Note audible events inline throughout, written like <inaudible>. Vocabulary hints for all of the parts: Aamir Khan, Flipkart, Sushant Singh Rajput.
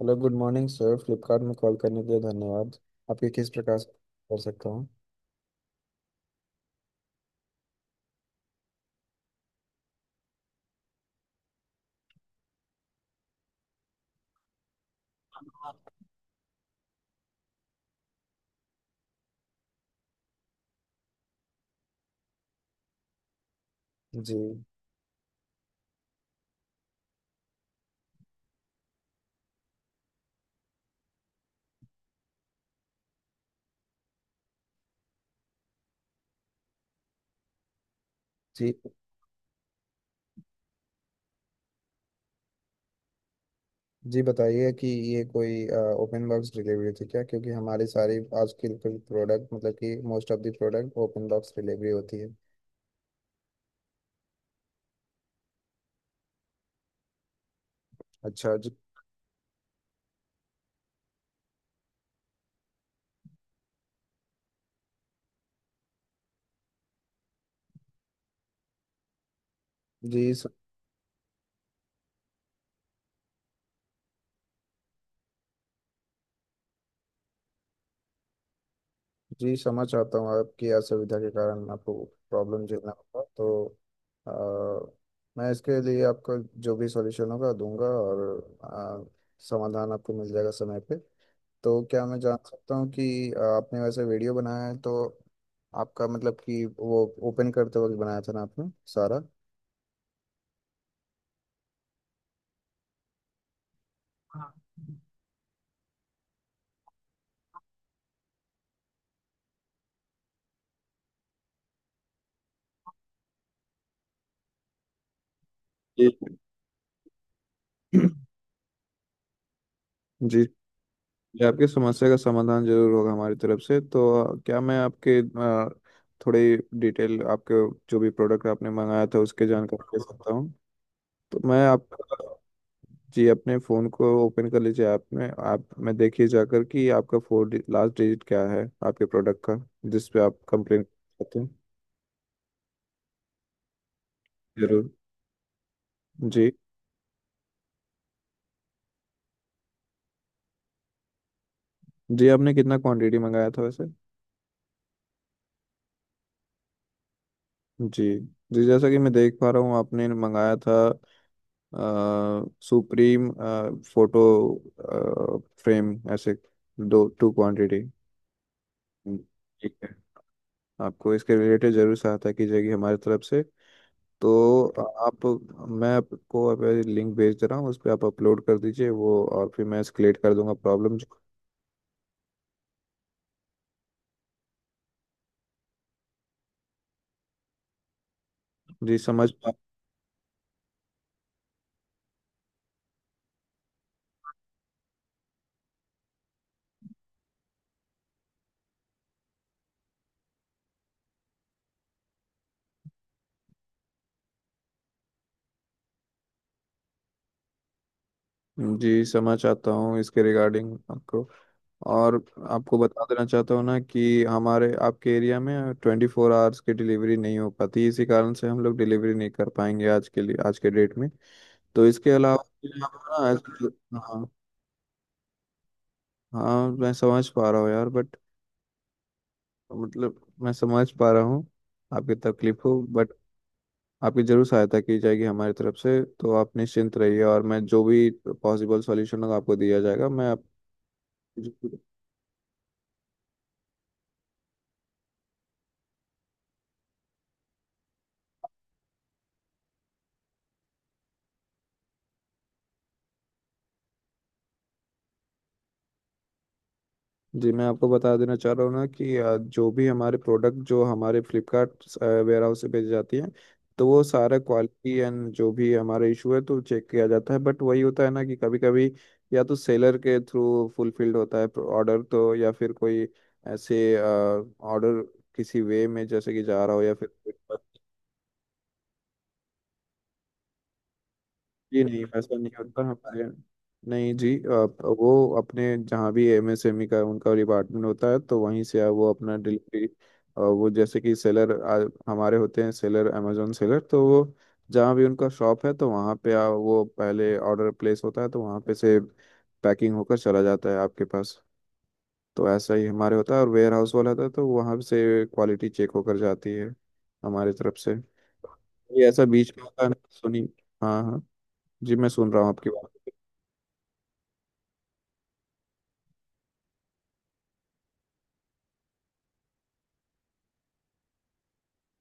Hello good morning sir, Flipkart में call करने के लिए धन्यवाद। आपके किस प्रकार से कर सकता हूँ? जी। जी। जी बताइए कि ये कोई ओपन बॉक्स डिलीवरी थी क्या? क्योंकि हमारी सारी आजकल के प्रोडक्ट मतलब कि most of the product open box delivery होती है। अच्छा जी। जी स- जी समझ चाहता हूँ, आपकी असुविधा के कारण आपको प्रॉब्लम झेलना होगा। तो अ, मैं इसके लिए आपको जो भी सॉल्यूशन होगा दूंगा और अ, समाधान आपको मिल जाएगा समय पे। तो क्या मैं जान सकता हूँ कि आपने वैसे वीडियो बनाया है तो आपका मतलब कि वो ओपन करते वक्त बनाया था ना आपने सारा? जी। <clears throat> जी। जी, आपकी समस्या का समाधान जरूर होगा हमारी तरफ से। तो क्या मैं आपके थोड़ी डिटेल, आपके जो भी प्रोडक्ट आपने मंगाया था उसके जानकारी दे सकता हूँ? तो मैं आप जी अपने फ़ोन को ओपन कर लीजिए, ऐप में आप में देखिए जाकर कि आपका 4 लास्ट डिजिट क्या है आपके प्रोडक्ट का, जिस पे आप कंप्लेन करते हैं। जरूर। जी। जी आपने कितना क्वांटिटी मंगाया था वैसे? जी। जी जैसा कि मैं देख पा रहा हूँ, आपने मंगाया था सुप्रीम फोटो फ्रेम, ऐसे 2 क्वांटिटी। ठीक है, आपको इसके रिलेटेड जरूर सहायता की जाएगी हमारी तरफ से। तो आप, मैं आपको अब लिंक भेज दे रहा हूँ, उस पर आप अपलोड कर दीजिए वो और फिर मैं एस्केलेट कर दूंगा प्रॉब्लम। जी समझ पा- जी समझ आता हूँ इसके रिगार्डिंग आपको। और आपको बता देना चाहता हूँ ना कि हमारे आपके एरिया में 24 आवर्स की डिलीवरी नहीं हो पाती, इसी कारण से हम लोग डिलीवरी नहीं कर पाएंगे आज के लिए, आज के डेट में। तो इसके अलावा आप ना ऐसे- हाँ। हाँ मैं समझ पा रहा हूँ यार, बट मतलब मैं समझ पा रहा हूँ आपकी तकलीफ हो, बट आपकी जरूर सहायता की जाएगी हमारी तरफ से। तो आप निश्चिंत रहिए और मैं जो भी पॉसिबल सॉल्यूशन होगा आपको दिया जाएगा। मैं आप जी मैं आपको बता देना चाह रहा हूँ ना कि जो भी हमारे प्रोडक्ट जो हमारे फ्लिपकार्ट वेयर हाउस से भेजी जाती हैं तो वो सारा क्वालिटी एंड जो भी हमारा इशू है तो चेक किया जाता है। बट वही होता है ना कि कभी कभी या तो सेलर के थ्रू फुलफिल्ड होता है ऑर्डर, तो या फिर कोई ऐसे ऑर्डर किसी वे में जैसे कि जा रहा हो या फिर जी नहीं, ऐसा नहीं होता हमारे यहाँ। नहीं जी, आप वो अपने जहाँ भी एमएसएमई का उनका डिपार्टमेंट होता है तो वहीं से आप वो अपना डिलीवरी, वो जैसे कि सेलर हमारे होते हैं, सेलर अमेजोन सेलर, तो वो जहाँ भी उनका शॉप है तो वहाँ पे वो पहले ऑर्डर प्लेस होता है तो वहाँ पे से पैकिंग होकर चला जाता है आपके पास। तो ऐसा ही हमारे होता है, और वेयर हाउस वाला था तो वहाँ से क्वालिटी चेक होकर जाती है हमारे तरफ से। ये ऐसा बीच में होता है ना, सुनी। हाँ हाँ, जी मैं सुन रहा हूँ आपकी बात।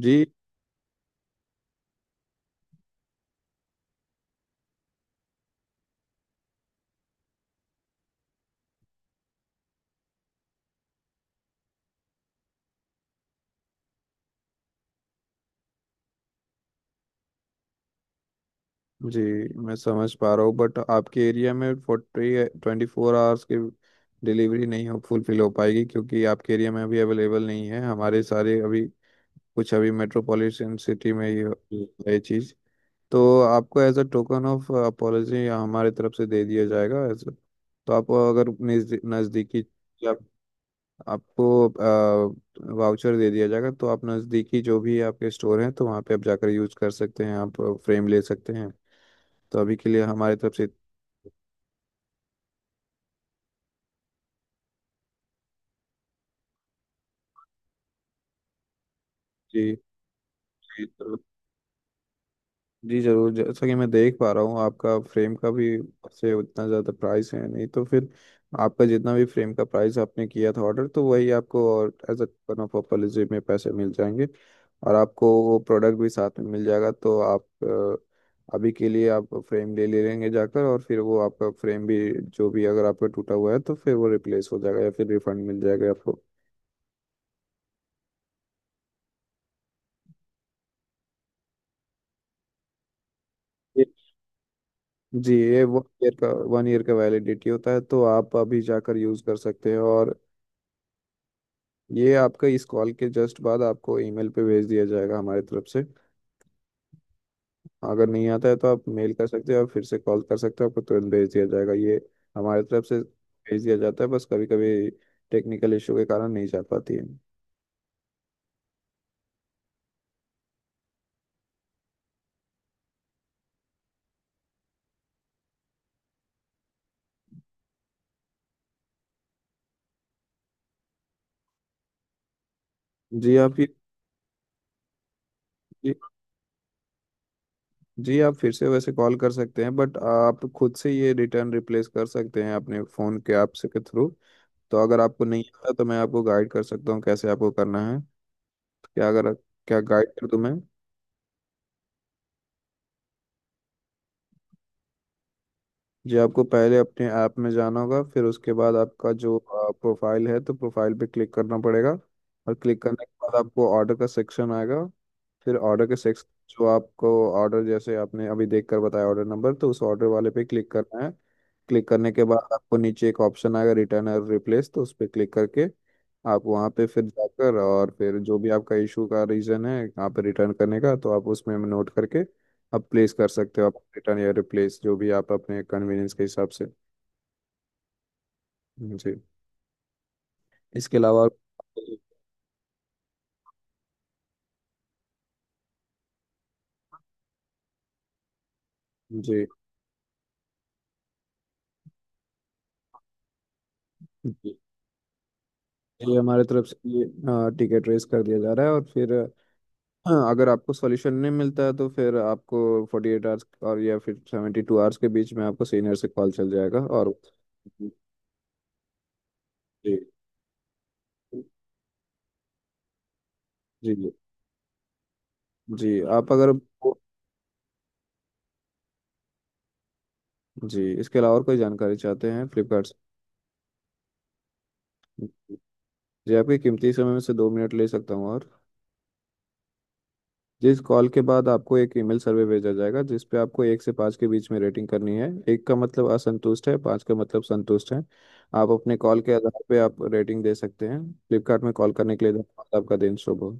जी। जी मैं समझ पा रहा हूँ बट आपके एरिया में फोर्टी ट्वेंटी फोर आवर्स की डिलीवरी नहीं हो, फुलफिल हो पाएगी, क्योंकि आपके एरिया में अभी अवेलेबल नहीं है हमारे सारे अभी कुछ, अभी मेट्रोपॉलिटन सिटी में ये है ये चीज़। तो आपको as a token of apology हमारे तरफ से दे दिया जाएगा एज। तो आप अगर नज़दीकी, आपको वाउचर दे दिया जाएगा तो आप नज़दीकी जो भी आपके स्टोर हैं तो वहाँ पे आप जाकर यूज़ कर सकते हैं, आप फ्रेम ले सकते हैं। तो अभी के लिए हमारी तरफ से जी। जी। जी जरूर, जैसा कि मैं देख पा रहा हूँ आपका फ्रेम का भी से उतना ज़्यादा प्राइस है नहीं, तो फिर आपका जितना भी फ्रेम का प्राइस आपने किया था ऑर्डर तो वही आपको और as a coupon of popularism में पैसे मिल जाएंगे और आपको वो प्रोडक्ट भी साथ में मिल जाएगा। तो आप अभी के लिए आप फ्रेम ले ले लेंगे जाकर और फिर वो आपका फ्रेम भी जो भी अगर आपका टूटा हुआ है तो फिर वो रिप्लेस हो जाएगा या फिर रिफंड मिल जाएगा आपको। ये- जी ये वन ईयर का वैलिडिटी होता है तो आप अभी जाकर यूज़ कर सकते हैं। और ये आपका इस कॉल के जस्ट बाद आपको ईमेल पे भेज दिया जाएगा हमारी तरफ से। अगर नहीं आता है तो आप मेल कर सकते हो और फिर से कॉल कर सकते हो, आपको तुरंत भेज दिया जाएगा ये, हमारी तरफ से भेज दिया जाता है, बस कभी कभी टेक्निकल इशू के कारण नहीं जा पाती है। जी आप ये जी, जी आप फिर से वैसे कॉल कर सकते हैं बट आप खुद से ये रिटर्न रिप्लेस कर सकते हैं अपने फ़ोन के ऐप से के थ्रू। तो अगर आपको नहीं आता तो मैं आपको गाइड कर सकता हूँ कैसे आपको करना है। क्या अगर, क्या गाइड कर दूँ मैं? जी, आपको पहले अपने ऐप में जाना होगा, फिर उसके बाद आपका जो प्रोफाइल है तो प्रोफाइल पे क्लिक करना पड़ेगा। और क्लिक करने के बाद आपको ऑर्डर का सेक्शन आएगा, फिर ऑर्डर के सेक्शन जो आपको ऑर्डर जैसे आपने अभी देख कर बताया ऑर्डर नंबर, तो उस ऑर्डर वाले पे क्लिक करना है। क्लिक करने के बाद आपको नीचे एक ऑप्शन आएगा रिटर्न और रिप्लेस, तो उस पर क्लिक करके आप वहाँ पे फिर जाकर और फिर जो भी आपका इशू का रीज़न है यहाँ पे रिटर्न करने का तो आप उसमें नोट करके आप प्लेस कर सकते हो, आप रिटर्न या रिप्लेस जो भी आप अपने कन्वीनियंस के हिसाब से। जी। इसके अलावा जी। जी ये हमारे तरफ से ये टिकट रेस कर दिया जा रहा है और फिर अगर आपको सॉल्यूशन नहीं मिलता है तो फिर आपको 48 आवर्स और या फिर 72 आवर्स के बीच में आपको सीनियर से कॉल चल जाएगा। और जी। जी जी। जी, आप अगर जी, इसके अलावा और कोई जानकारी चाहते हैं फ्लिपकार्ट से? जी आपके कीमती समय में से 2 मिनट ले सकता हूँ? और जिस कॉल के बाद आपको एक ईमेल सर्वे भेजा जाएगा जिस पे आपको 1 से 5 के बीच में रेटिंग करनी है। एक का मतलब असंतुष्ट है, पाँच का मतलब संतुष्ट है। आप अपने कॉल के आधार पे आप रेटिंग दे सकते हैं। फ्लिपकार्ट में कॉल करने के लिए धन्यवाद, आपका दिन शुभ हो।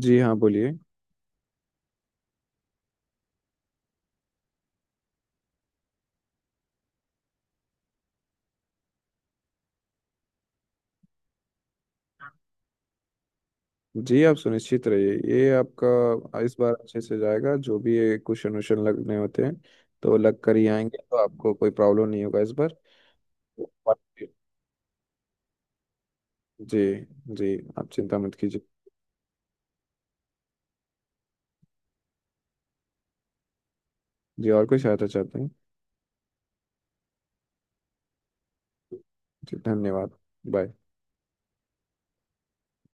जी हाँ बोलिए। जी आप सुनिश्चित रहिए, ये आपका इस बार अच्छे से जाएगा, जो भी ये क्वेश्चन वोशन लगने होते हैं तो लग कर ही आएंगे, तो आपको कोई प्रॉब्लम नहीं होगा इस बार। जी। जी आप चिंता मत कीजिए। जी और कोई सहायता चाहते हैं? जी धन्यवाद। बाय।